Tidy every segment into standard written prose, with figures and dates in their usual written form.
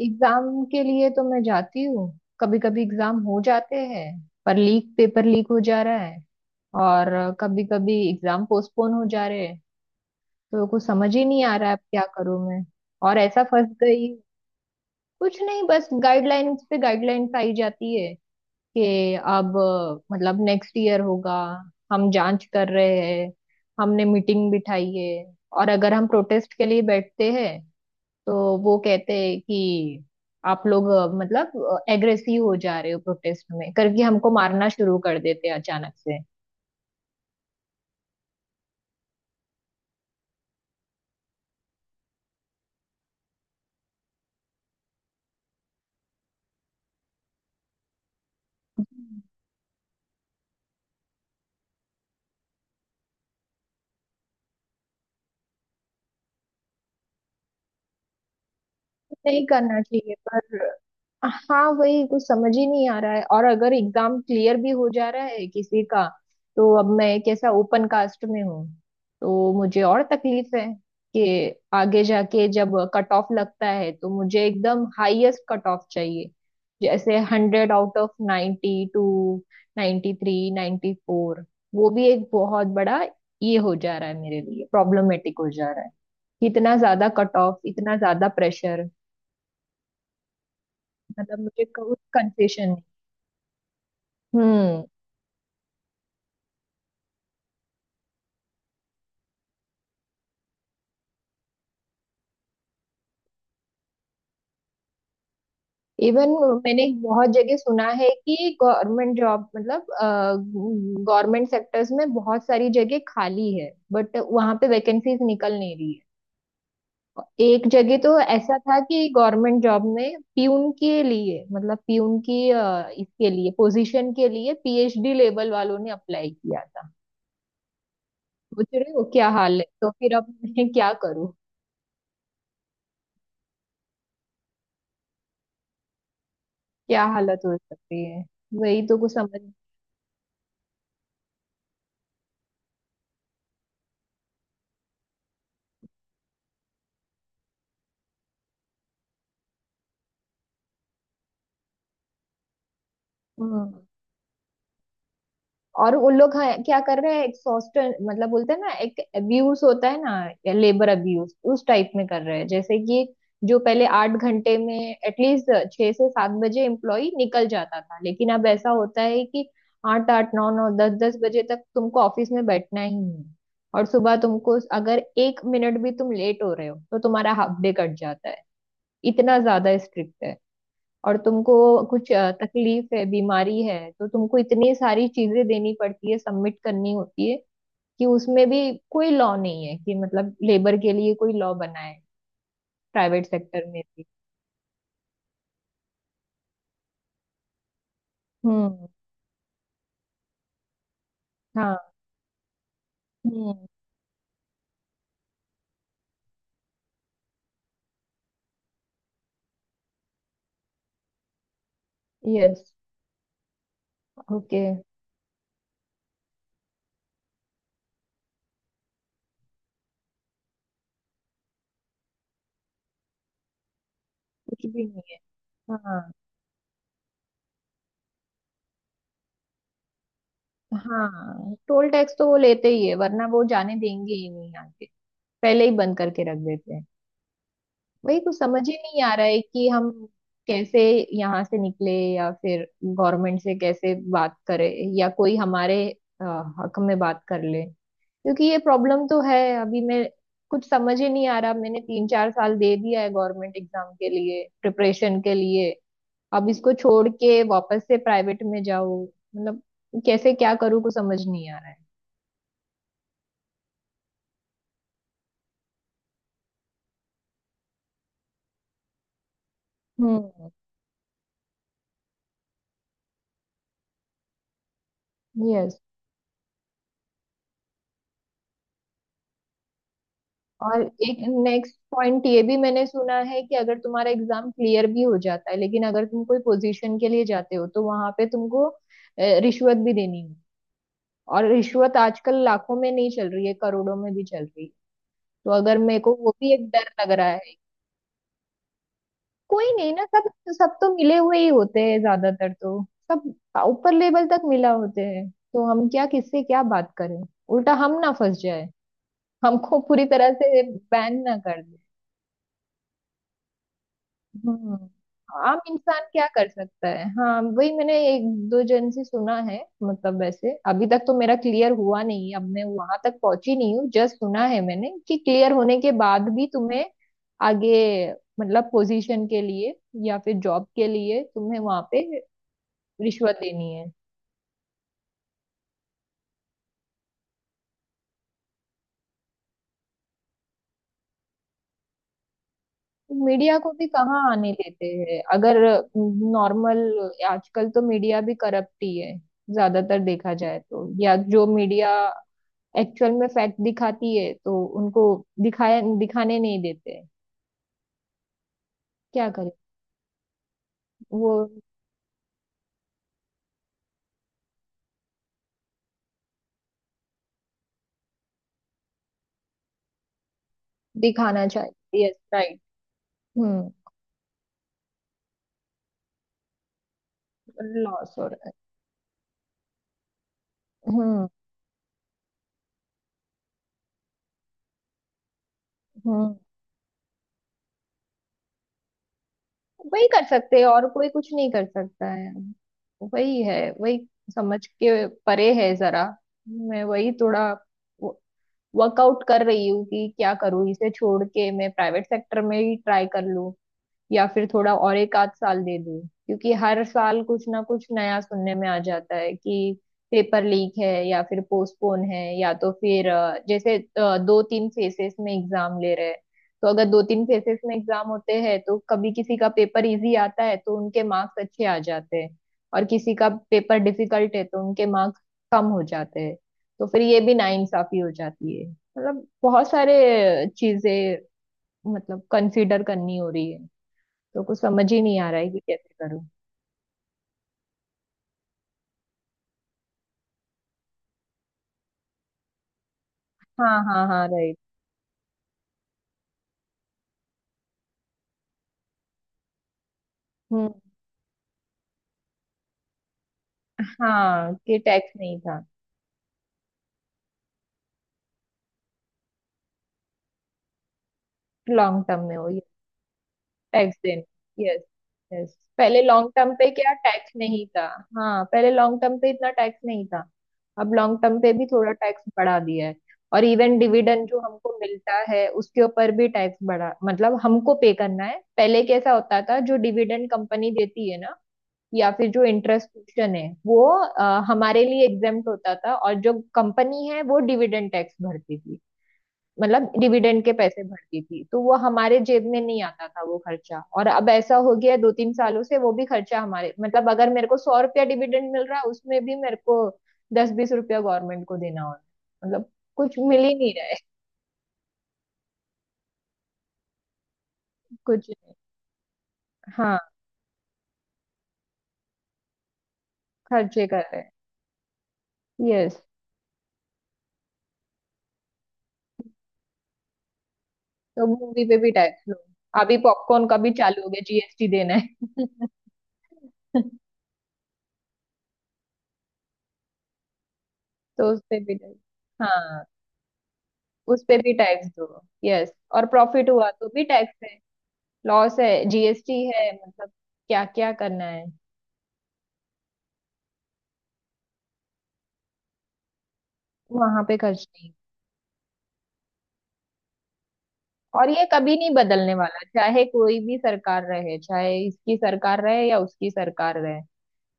Exam के लिए तो मैं जाती हूँ। कभी कभी एग्जाम हो जाते हैं। पर लीक पेपर लीक हो जा रहा है और कभी कभी एग्जाम पोस्टपोन हो जा रहे हैं। तो कुछ समझ ही नहीं आ रहा है, अब क्या करूँ मैं? और ऐसा फंस गई। कुछ नहीं, बस गाइडलाइंस पे गाइडलाइंस आई जाती है कि अब, मतलब नेक्स्ट ईयर होगा, हम जांच कर रहे हैं, हमने मीटिंग बिठाई है। और अगर हम प्रोटेस्ट के लिए बैठते हैं तो वो कहते हैं कि आप लोग मतलब एग्रेसिव हो जा रहे हो, प्रोटेस्ट में करके हमको मारना शुरू कर देते हैं अचानक से। नहीं करना चाहिए, पर हाँ, वही कुछ समझ ही नहीं आ रहा है। और अगर एग्जाम क्लियर भी हो जा रहा है किसी का, तो अब मैं कैसा ओपन कास्ट में हूँ, तो मुझे और तकलीफ है कि आगे जाके जब कट ऑफ लगता है तो मुझे एकदम हाईएस्ट कट ऑफ चाहिए। जैसे 100 आउट ऑफ 92, 93 94 वो भी एक बहुत बड़ा ये हो जा रहा है, मेरे लिए प्रॉब्लमेटिक हो जा रहा है। इतना ज्यादा कट ऑफ, इतना ज्यादा प्रेशर। मतलब मुझे कुछ कंसेशन नहीं। हम्म। इवन मैंने बहुत जगह सुना है कि गवर्नमेंट जॉब, मतलब गवर्नमेंट सेक्टर्स में बहुत सारी जगह खाली है, बट वहां पे वैकेंसीज निकल नहीं रही है। एक जगह तो ऐसा था कि गवर्नमेंट जॉब में प्यून के लिए, मतलब प्यून की इसके लिए, पोजीशन के लिए पीएचडी लेवल वालों ने अप्लाई किया था। सोच रहे हो क्या हाल है, तो फिर अब मैं क्या करूँ? क्या हालत हो सकती है, वही तो कुछ समझ। हम्म। और उन लोग, हाँ, क्या कर रहे हैं, एक्सॉस्ट, मतलब बोलते हैं ना, एक अब्यूज होता है ना, लेबर अब्यूज, उस टाइप में कर रहे हैं। जैसे कि जो पहले 8 घंटे में, एटलीस्ट 6 से 7 बजे एम्प्लॉय निकल जाता था, लेकिन अब ऐसा होता है कि आठ आठ नौ नौ दस दस बजे तक तुमको ऑफिस में बैठना ही है। और सुबह तुमको अगर 1 मिनट भी तुम लेट हो रहे हो तो तुम्हारा हाफ डे कट जाता है। इतना ज्यादा स्ट्रिक्ट। और तुमको कुछ तकलीफ है, बीमारी है तो तुमको इतनी सारी चीजें देनी पड़ती है, सबमिट करनी होती है। कि उसमें भी कोई लॉ नहीं है कि, मतलब लेबर के लिए कोई लॉ बना है, प्राइवेट सेक्टर में भी। हम्म। हाँ। हम्म। यस। ओके। कुछ भी नहीं है। हाँ। हाँ, टोल टैक्स तो वो लेते ही है, वरना वो जाने देंगे ही नहीं आगे। पहले ही बंद करके रख देते हैं। वही कुछ समझ ही नहीं आ रहा है कि हम कैसे यहाँ से निकले, या फिर गवर्नमेंट से कैसे बात करें, या कोई हमारे अ, हक में बात कर ले। क्योंकि ये प्रॉब्लम तो है। अभी मैं कुछ समझ ही नहीं आ रहा, मैंने 3 4 साल दे दिया है गवर्नमेंट एग्जाम के लिए, प्रिपरेशन के लिए। अब इसको छोड़ के वापस से प्राइवेट में जाओ, मतलब कैसे, क्या करूँ, कुछ समझ नहीं आ रहा है। हम्म। यस। और एक नेक्स्ट पॉइंट ये भी मैंने सुना है कि अगर तुम्हारा एग्जाम क्लियर भी हो जाता है, लेकिन अगर तुम कोई पोजीशन के लिए जाते हो तो वहां पे तुमको रिश्वत भी देनी है। और रिश्वत आजकल लाखों में नहीं चल रही है, करोड़ों में भी चल रही है। तो अगर मेरे को वो भी एक डर लग रहा है। कोई नहीं ना, सब सब तो मिले हुए ही होते हैं ज्यादातर तो। सब ऊपर लेवल तक मिला होते हैं, तो हम क्या, किससे क्या बात करें? उल्टा हम ना फंस जाए, हमको पूरी तरह से बैन ना कर। हम्म। आम इंसान क्या कर सकता है? हाँ, वही मैंने एक दो जन से सुना है, मतलब वैसे अभी तक तो मेरा क्लियर हुआ नहीं है, अब मैं वहां तक पहुंची नहीं हूँ, जस्ट सुना है मैंने कि क्लियर होने के बाद भी तुम्हें आगे, मतलब पोजीशन के लिए या फिर जॉब के लिए तुम्हें वहां पे रिश्वत देनी है। मीडिया को भी कहाँ आने देते हैं, अगर नॉर्मल। आजकल तो मीडिया भी करप्ट ही है ज्यादातर, देखा जाए तो। या जो मीडिया एक्चुअल में फैक्ट दिखाती है तो उनको दिखाया, दिखाने नहीं देते, क्या करें। वो दिखाना चाहिए, यस, राइट। हम्म। लॉस हो रहा है। हम्म। हम्म। वही कर सकते हैं, और कोई कुछ नहीं कर सकता है। वही है वही। समझ के परे है जरा। मैं वही थोड़ा वर्कआउट कर रही हूँ कि क्या करूँ, इसे छोड़ के मैं प्राइवेट सेक्टर में ही ट्राई कर लूँ, या फिर थोड़ा और एक आध साल दे दूं। क्योंकि हर साल कुछ ना कुछ नया सुनने में आ जाता है कि पेपर लीक है, या फिर पोस्टपोन है, या तो फिर जैसे 2 3 फेसेस में एग्जाम ले रहे हैं। तो अगर 2 3 फेसेस में एग्जाम होते हैं तो कभी किसी का पेपर इजी आता है तो उनके मार्क्स अच्छे आ जाते हैं, और किसी का पेपर डिफिकल्ट है तो उनके मार्क्स कम हो जाते हैं। तो फिर ये भी नाइंसाफी हो जाती है, मतलब बहुत सारे चीजें मतलब कंसीडर करनी हो रही है। तो कुछ समझ ही नहीं आ रहा है कि कैसे करूँ। हाँ हाँ हाँ, राइट। हम्म। हाँ, कि टैक्स नहीं था। लॉन्ग टर्म में हो ये। टैक्स देना, यस। यस, पहले लॉन्ग टर्म पे क्या टैक्स नहीं था? हाँ, पहले लॉन्ग टर्म पे इतना टैक्स नहीं था, अब लॉन्ग टर्म पे भी थोड़ा टैक्स बढ़ा दिया है। और इवन डिविडेंड जो हमको मिलता है उसके ऊपर भी टैक्स बढ़ा, मतलब हमको पे करना है। पहले कैसा होता था जो डिविडेंड कंपनी देती है ना, या फिर जो इंटरेस्ट क्वेश्चन है, वो हमारे लिए एग्जेम्प्ट होता था, और जो कंपनी है वो डिविडेंड टैक्स भरती थी। मतलब डिविडेंड के पैसे भरती थी, तो वो हमारे जेब में नहीं आता था वो खर्चा। और अब ऐसा हो गया है 2 3 सालों से वो भी खर्चा हमारे, मतलब अगर मेरे को 100 रुपया डिविडेंड मिल रहा है उसमें भी मेरे को 10 20 रुपया गवर्नमेंट को देना हो रहा है, मतलब कुछ मिल ही नहीं रहा है। कुछ नहीं। हाँ, खर्चे कर रहे हैं। यस। तो मूवी पे भी टैक्स लो। अभी पॉपकॉर्न का भी चालू हो गया जीएसटी देना है। तो उस पे भी टैक्स। हाँ, उस पे भी टैक्स दो, यस। और प्रॉफिट हुआ तो भी टैक्स है, लॉस है, जीएसटी है, मतलब क्या क्या करना है। वहां पे खर्च नहीं। और ये कभी नहीं बदलने वाला, चाहे कोई भी सरकार रहे, चाहे इसकी सरकार रहे या उसकी सरकार रहे।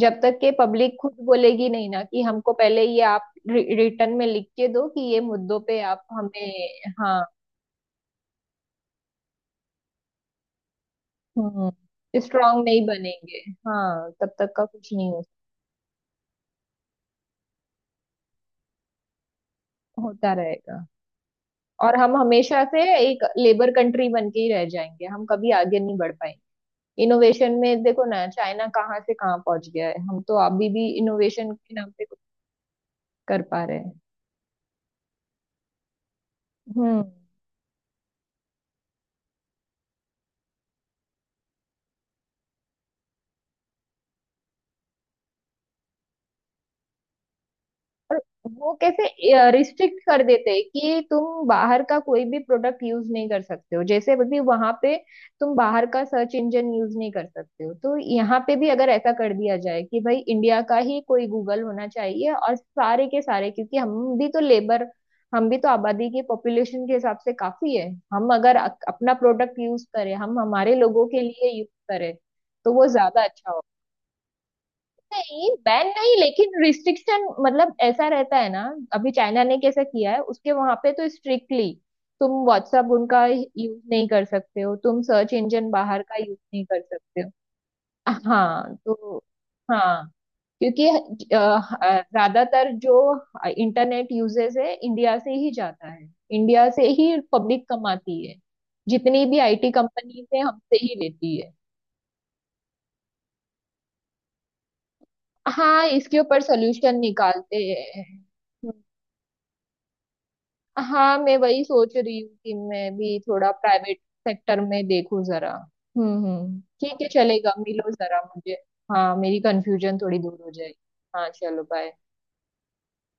जब तक के पब्लिक खुद बोलेगी नहीं ना कि हमको पहले ये आप रिटर्न में लिख के दो कि ये मुद्दों पे आप हमें। हाँ। हम्म। स्ट्रांग नहीं बनेंगे। हाँ तब तक का कुछ नहीं हो, होता रहेगा। और हम हमेशा से एक लेबर कंट्री बन के ही रह जाएंगे, हम कभी आगे नहीं बढ़ पाएंगे। इनोवेशन में देखो ना, चाइना कहाँ से कहाँ पहुंच गया है, हम तो अभी भी इनोवेशन के नाम पे कुछ कर पा रहे हैं। हम्म। और वो कैसे रिस्ट्रिक्ट कर देते हैं कि तुम बाहर का कोई भी प्रोडक्ट यूज नहीं कर सकते हो, जैसे भी वहां पे तुम बाहर का सर्च इंजन यूज नहीं कर सकते हो। तो यहाँ पे भी अगर ऐसा कर दिया जाए कि भाई इंडिया का ही कोई गूगल होना चाहिए, और सारे के सारे, क्योंकि हम भी तो लेबर, हम भी तो आबादी की पॉपुलेशन के हिसाब से काफी है। हम अगर अपना प्रोडक्ट यूज करें, हम हमारे लोगों के लिए यूज करें, तो वो ज्यादा अच्छा होगा। नहीं बैन नहीं, लेकिन रिस्ट्रिक्शन, मतलब ऐसा रहता है ना। अभी चाइना ने कैसा किया है उसके, वहां पे तो स्ट्रिक्टली तुम व्हाट्सअप उनका यूज नहीं कर सकते हो, तुम सर्च इंजन बाहर का यूज नहीं कर सकते हो। हाँ तो। हाँ, क्योंकि ज्यादातर जो इंटरनेट यूजेस है इंडिया से ही जाता है, इंडिया से ही पब्लिक कमाती है, जितनी भी आईटी कंपनीज है हमसे ही लेती है। हाँ, इसके ऊपर सोल्यूशन निकालते हैं। हाँ, मैं वही सोच रही हूँ कि मैं भी थोड़ा प्राइवेट सेक्टर में देखूँ जरा। हम्म, ठीक है, चलेगा, मिलो जरा मुझे। हाँ, मेरी कंफ्यूजन थोड़ी दूर हो जाएगी। हाँ, चलो बाय।